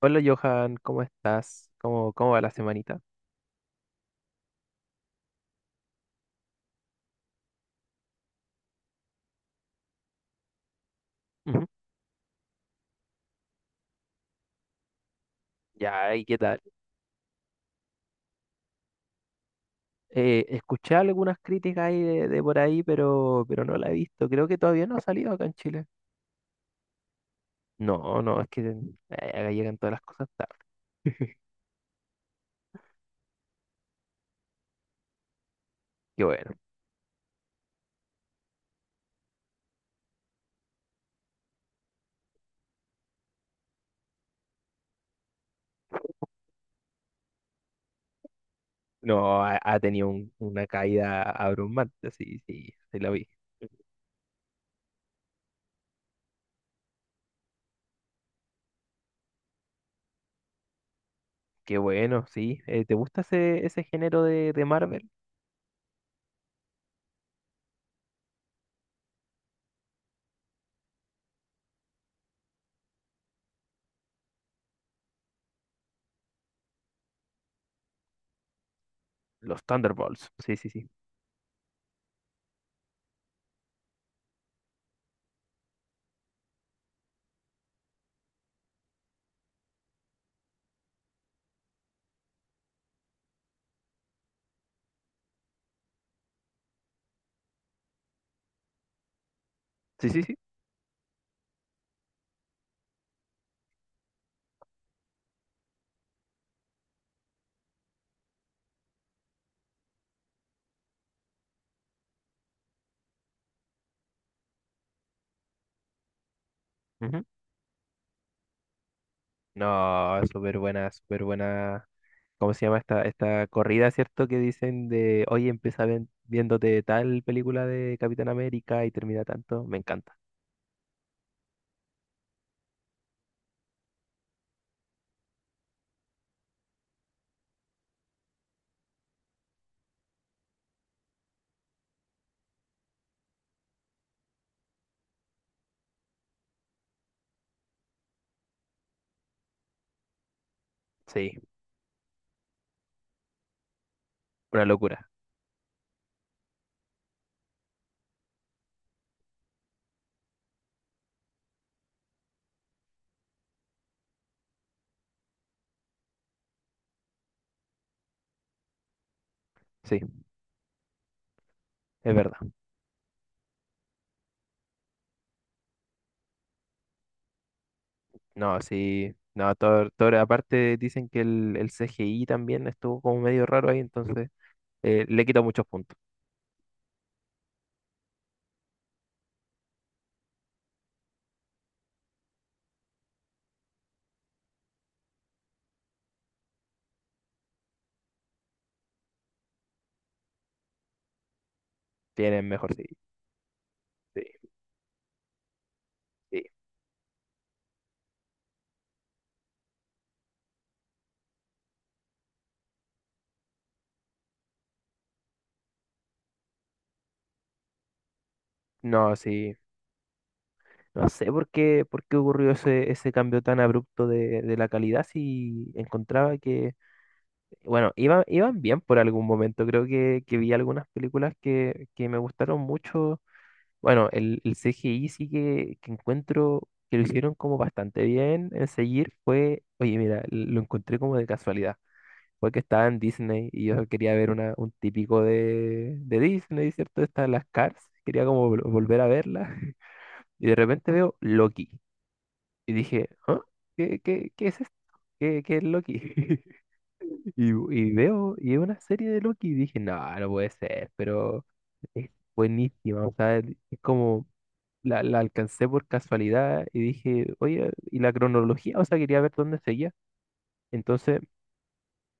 Hola Johan, ¿cómo estás? ¿¿Cómo va la semanita? Ujú. Ya, ¿y qué tal? Escuché algunas críticas ahí de por ahí, pero no la he visto. Creo que todavía no ha salido acá en Chile. No, no, es que acá llegan todas las cosas tarde. Qué bueno. No, ha tenido una caída abrumante, sí, sí, sí la vi. Qué bueno, sí. ¿Te gusta ese género de Marvel? Los Thunderbolts. Sí, sí, sí. Sí, sí, sí. Ujú. No, súper buena, súper buena. ¿Cómo se llama esta corrida, cierto? Que dicen de, oye, empieza viéndote tal película de Capitán América y termina tanto. Me encanta. Sí, una locura. Sí, es verdad. No, sí. No, Thor, Thor, aparte dicen que el CGI también estuvo como medio raro ahí, entonces le quito muchos puntos. Tienen mejor, sí, sí, sí. No, sí. No sé por qué ocurrió ese cambio tan abrupto de la calidad si encontraba que bueno, iban bien por algún momento. Creo que vi algunas películas que me gustaron mucho. Bueno, el CGI sí que encuentro que lo hicieron como bastante bien en seguir fue, oye, mira, lo encontré como de casualidad. Fue que estaba en Disney y yo quería ver una, un típico de Disney, ¿cierto? Están las Cars, quería como volver a verla. Y de repente veo Loki. Y dije, ¿ah? ¿Qué, qué, qué es esto? ¿Qué, qué es Loki? Y, y veo, y es una serie de Loki, y dije, no, no puede ser, pero es buenísima, o sea, es como, la alcancé por casualidad y dije, oye, y la cronología, o sea, quería ver dónde seguía. Entonces,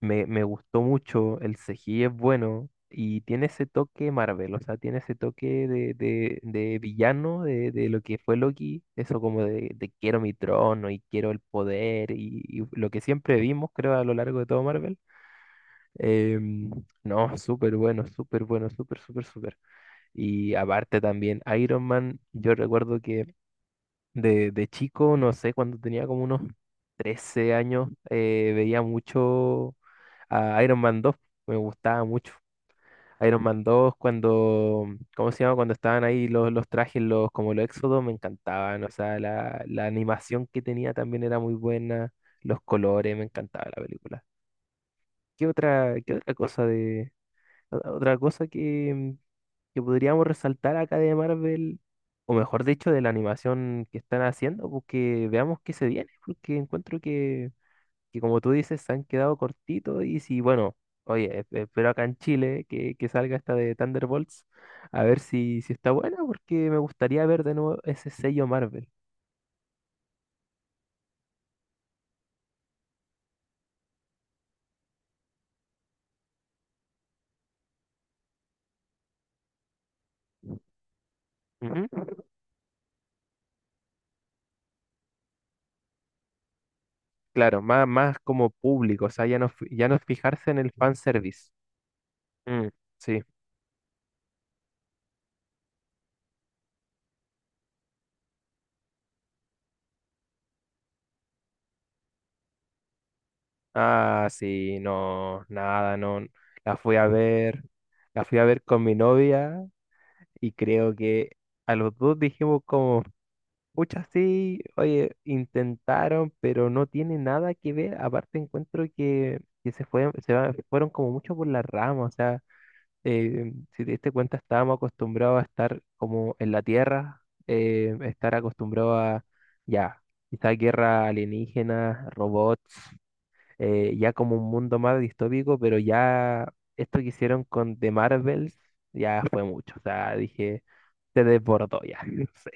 me gustó mucho, el CGI es bueno y tiene ese toque Marvel, o sea, tiene ese toque de villano, de lo que fue Loki, eso como de quiero mi trono y quiero el poder y lo que siempre vimos, creo, a lo largo de todo Marvel. Em, no, súper bueno, súper bueno, súper, súper, súper. Y aparte también, Iron Man, yo recuerdo que de chico, no sé, cuando tenía como unos 13 años, veía mucho a Iron Man dos, me gustaba mucho. Iron Man dos cuando, ¿cómo se llama? Cuando estaban ahí los trajes, los, como los Éxodos, me encantaban. O sea, la animación que tenía también era muy buena, los colores, me encantaba la película. Qué otra cosa de, otra cosa que podríamos resaltar acá de Marvel, o mejor dicho, de la animación que están haciendo, porque veamos qué se viene, porque encuentro que como tú dices, se han quedado cortitos y si, bueno, oye, espero acá en Chile que salga esta de Thunderbolts, a ver si, si está buena, porque me gustaría ver de nuevo ese sello Marvel. Ujú. Claro, más, más como público, o sea, ya no, ya no fijarse en el fanservice. Mm, sí. Ah, sí, no, nada, no. La fui a ver, la fui a ver con mi novia y creo que a los dos dijimos como, pucha, sí, oye, intentaron, pero no tiene nada que ver. Aparte encuentro que se fue, fueron como mucho por la rama, o sea, si te diste cuenta, estábamos acostumbrados a estar como en la tierra, estar acostumbrados a, ya, quizás guerra alienígena, robots, ya como un mundo más distópico, pero ya esto que hicieron con The Marvels ya fue mucho, o sea, dije, se desbordó ya, no sé.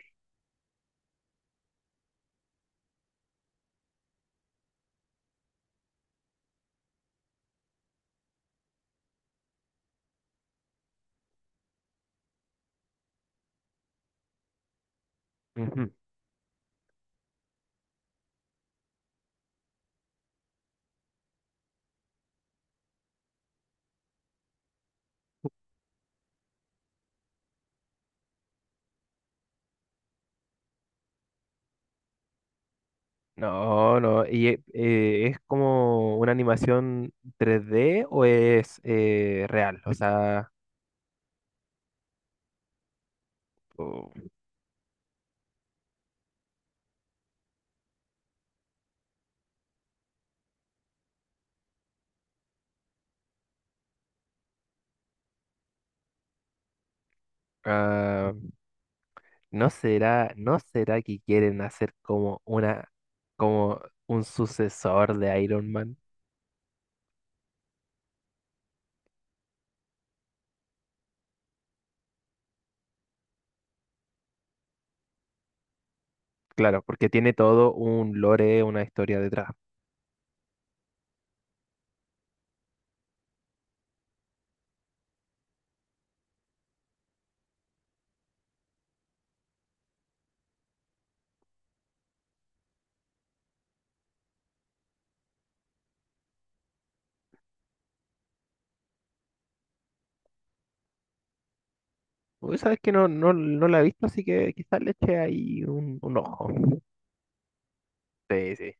Ujú. No, no, y es como una animación 3D o es real, o sea, o- ah, no será, no será que quieren hacer como una, como un sucesor de Iron Man, claro, porque tiene todo un lore, una historia detrás. Uy, sabes que no, no, no la he visto, así que quizás le eche ahí un ojo. Sí, sí.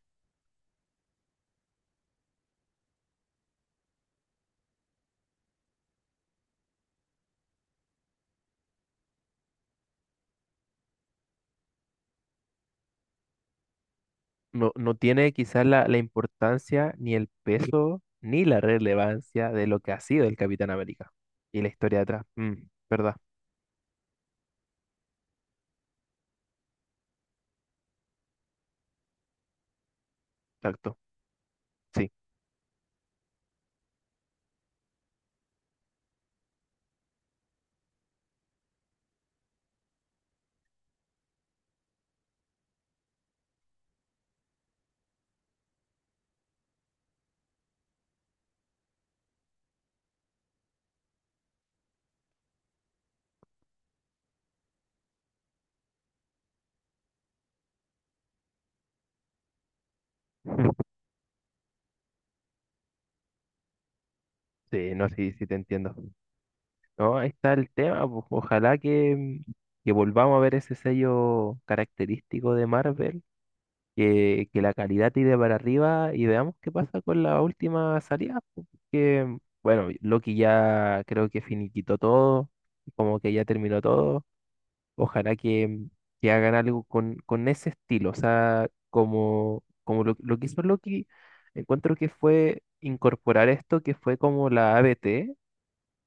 No, no tiene quizás la importancia, ni el peso, ni la relevancia de lo que ha sido el Capitán América. Y la historia detrás. Mm, ¿verdad? Exacto. Sí. Sí, no, sí, sí te entiendo. No, ahí está el tema, pues. Ojalá que volvamos a ver ese sello característico de Marvel, que la calidad tire para arriba y veamos qué pasa con la última salida, po, porque, bueno, Loki ya creo que finiquitó todo, como que ya terminó todo, ojalá que hagan algo con ese estilo, o sea, como, como lo que hizo Loki, encuentro que fue incorporar esto que fue como la ABT,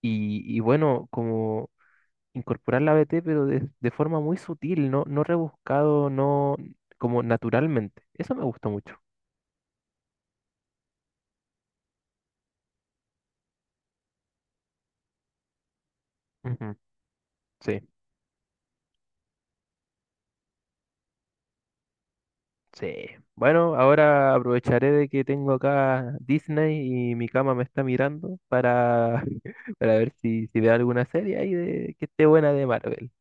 y bueno, como... incorporar la ABT pero de forma muy sutil, no, no rebuscado, no, como naturalmente. Eso me gustó mucho. Ujú, sí, sí. Bueno, ahora aprovecharé de que tengo acá Disney y mi cama me está mirando para, para ver si, si veo alguna serie ahí de, que esté buena de Marvel.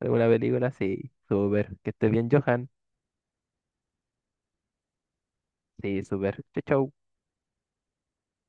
¿Alguna película? Sí, súper. Que esté bien, Johan. Sí, súper. Chau, chau.